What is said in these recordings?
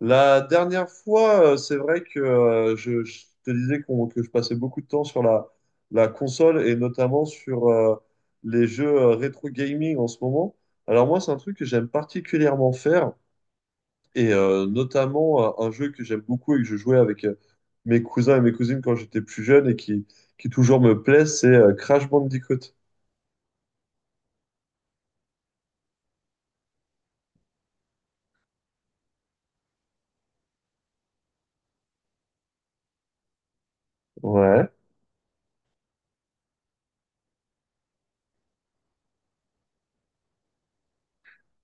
La dernière fois, c'est vrai que je te disais que je passais beaucoup de temps sur la console et notamment sur les jeux rétro gaming en ce moment. Alors moi, c'est un truc que j'aime particulièrement faire et notamment un jeu que j'aime beaucoup et que je jouais avec mes cousins et mes cousines quand j'étais plus jeune et qui toujours me plaît, c'est Crash Bandicoot. Ouais,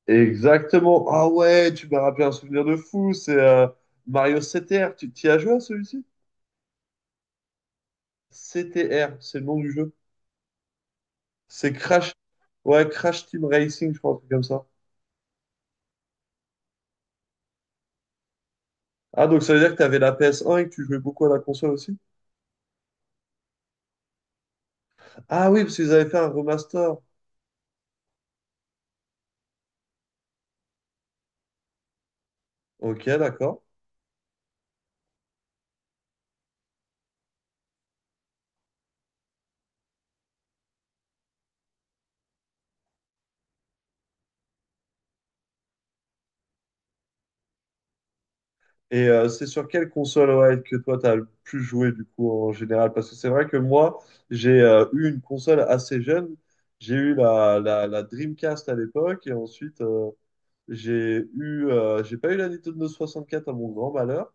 exactement. Ah ouais, tu m'as rappelé un souvenir de fou, c'est Mario 7R. Tu t'y as joué à celui-ci? CTR, c'est le nom du jeu. C'est Crash. Ouais, Crash Team Racing, je crois, un truc comme ça. Ah, donc ça veut dire que tu avais la PS1 et que tu jouais beaucoup à la console aussi? Ah oui, parce qu'ils avaient fait un remaster. Ok, d'accord. Et c'est sur quelle console ouais, que toi, tu as le plus joué du coup en général? Parce que c'est vrai que moi, j'ai eu une console assez jeune. J'ai eu la Dreamcast à l'époque et ensuite, j'ai eu, j'ai pas eu la Nintendo 64 à mon grand malheur.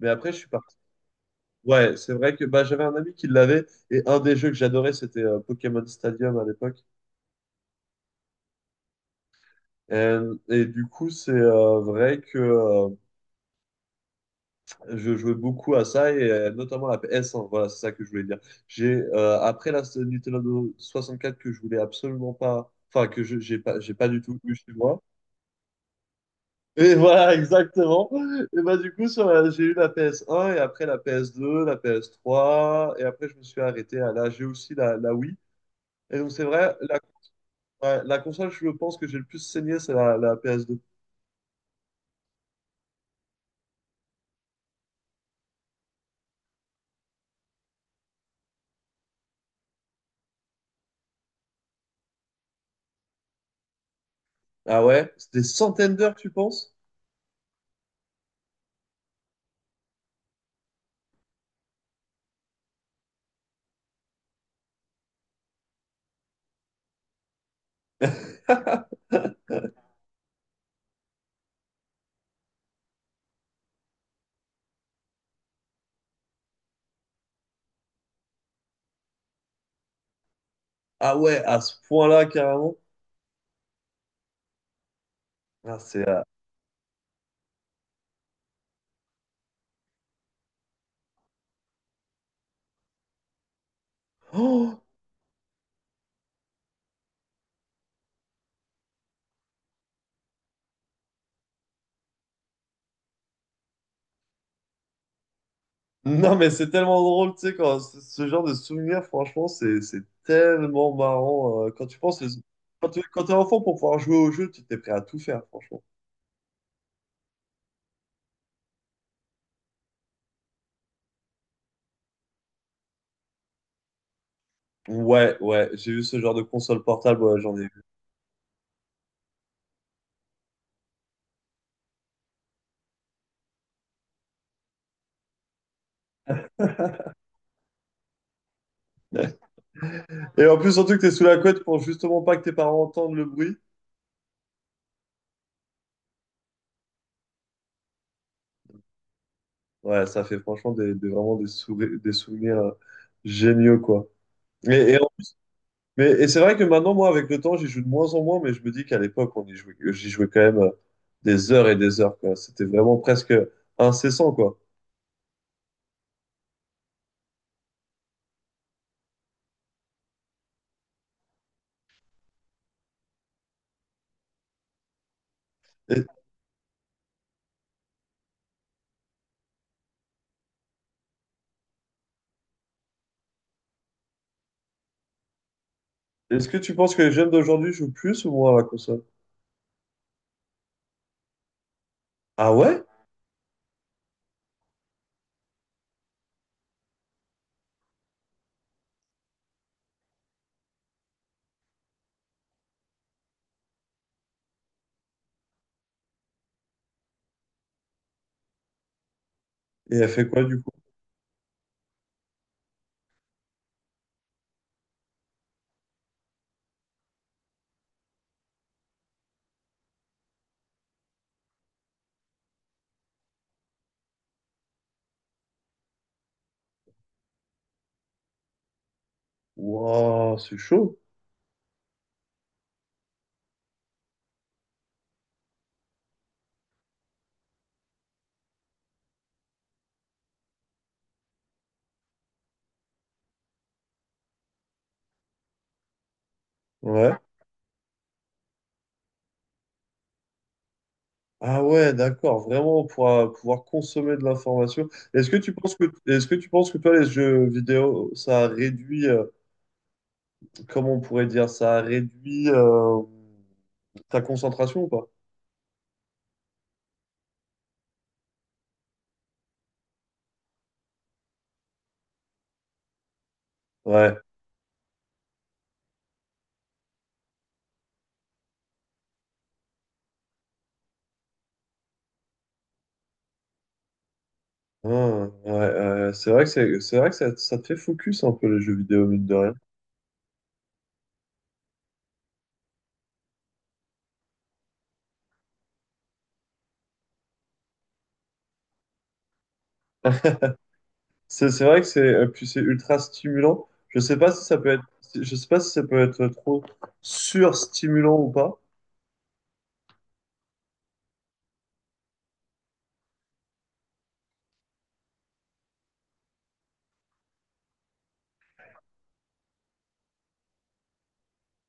Mais après, je suis parti. Ouais, c'est vrai que bah, j'avais un ami qui l'avait et un des jeux que j'adorais c'était Pokémon Stadium à l'époque. Et, et du coup, c'est vrai que je jouais beaucoup à ça et notamment la PS1. Voilà, c'est ça que je voulais dire. J'ai après la Nintendo 64 que je voulais absolument pas, enfin que je j'ai pas du tout eu chez moi. Et voilà, exactement. Et bah du coup, sur j'ai eu la PS1 et après la PS2, la PS3 et après je me suis arrêté à là. J'ai aussi la Wii. Et donc c'est vrai. Ouais, la console, je pense que j'ai le plus saigné, c'est la PS2. Ah ouais? C'est des centaines d'heures, tu penses? Ah ouais, à ce point-là, carrément. Ah, c'est. Oh non, mais c'est tellement drôle, tu sais, quand ce genre de souvenir, franchement, c'est tellement marrant. Quand tu penses. Quand tu quand t'es enfant, pour pouvoir jouer au jeu, tu t'es prêt à tout faire, franchement. Ouais, ouais, j'ai vu ce genre de console portable, ouais, j'en ai vu. Et en plus, surtout que t'es sous la couette pour justement pas que tes parents entendent le bruit. Ouais, ça fait franchement vraiment des souvenirs géniaux, quoi. Et, et, en- mais, et c'est vrai que maintenant, moi, avec le temps, j'y joue de moins en moins, mais je me dis qu'à l'époque, on y jouait, j'y jouais quand même des heures et des heures, quoi. C'était vraiment presque incessant, quoi. Et- Est-ce que tu penses que les jeunes d'aujourd'hui jouent plus ou moins à la console? Ah ouais? Et elle fait quoi, du coup? Waouh, c'est chaud. Ouais. Ah ouais, d'accord. Vraiment, pour pouvoir consommer de l'information. Est-ce que tu penses que toi, les jeux vidéo, ça réduit, comment on pourrait dire ça, réduit ta concentration ou pas? Ouais. Ah, ouais, c'est vrai que c'est vrai que ça te fait focus un peu les jeux vidéo, mine de rien. C'est vrai que c'est puis c'est ultra stimulant. Je sais pas si ça peut être je sais pas si ça peut être trop surstimulant ou pas.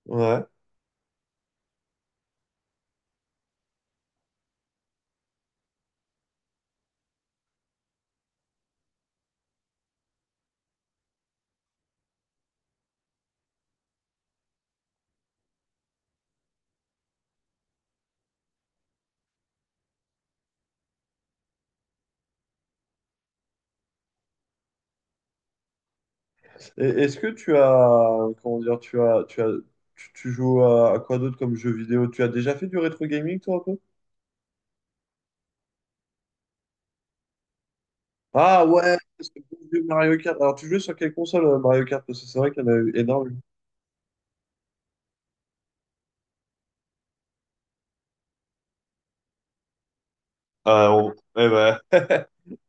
Ouais. Et est-ce que tu as comment dire tu joues à quoi d'autre comme jeu vidéo? Tu as déjà fait du rétro gaming toi un peu? Ah ouais, c'est le bon vieux Mario Kart. Alors tu jouais sur quelle console Mario Kart? Parce que c'est vrai qu'il y en a eu énormément. Ah, on- eh ben,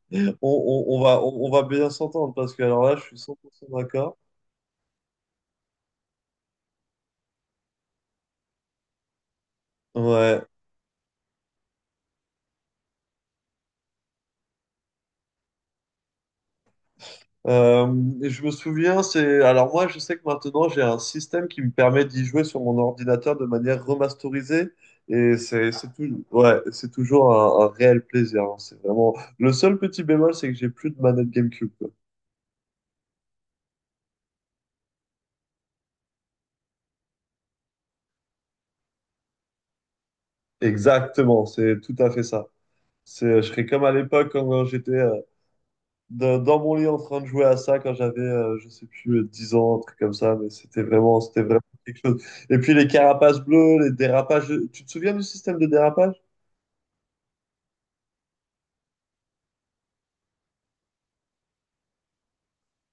On va bien s'entendre parce que alors là, je suis 100% d'accord. Ouais. Euh, et je me souviens, c'est. Alors moi, je sais que maintenant, j'ai un système qui me permet d'y jouer sur mon ordinateur de manière remasterisée. Et c'est tout... ouais, c'est toujours un réel plaisir. Hein. C'est vraiment. Le seul petit bémol, c'est que j'ai plus de manette GameCube, quoi. Exactement, c'est tout à fait ça. C'est, je serais comme à l'époque quand, quand j'étais dans, dans mon lit en train de jouer à ça quand j'avais, je sais plus, 10 ans, un truc comme ça, mais c'était vraiment quelque chose. Et puis les carapaces bleues, les dérapages, tu te souviens du système de dérapage?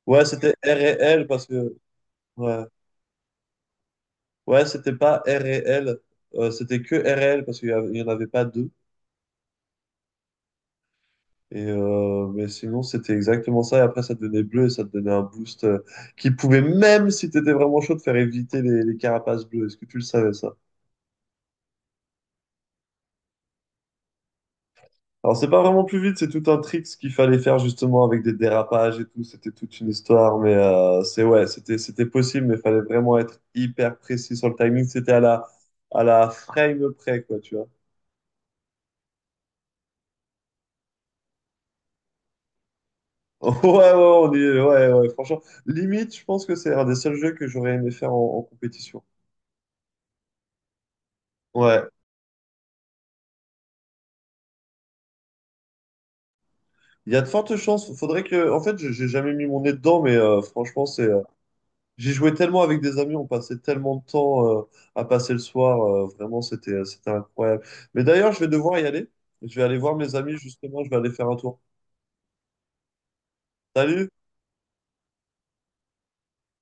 Ouais, c'était R et L parce que, ouais, ouais, c'était pas R et L, c'était que R et L parce il y en avait pas deux. Et mais sinon, c'était exactement ça. Et après, ça te donnait bleu et ça te donnait un boost qui pouvait, même si tu étais vraiment chaud, te faire éviter les carapaces bleues. Est-ce que tu le savais, ça? Alors, c'est pas vraiment plus vite, c'est tout un trick ce qu'il fallait faire justement avec des dérapages et tout. C'était toute une histoire, mais c'est ouais, c'était possible, mais il fallait vraiment être hyper précis sur le timing. C'était à la frame près, quoi, tu vois. Ouais, ouais, on y est, ouais, ouais, franchement. Limite, je pense que c'est un des seuls jeux que j'aurais aimé faire en compétition. Ouais, il y a de fortes chances. Faudrait que, en fait, j'ai jamais mis mon nez dedans, mais franchement, c'est j'y jouais tellement avec des amis, on passait tellement de temps à passer le soir, vraiment c'était c'était incroyable. Mais d'ailleurs, je vais devoir y aller. Je vais aller voir mes amis justement, je vais aller faire un tour. Salut!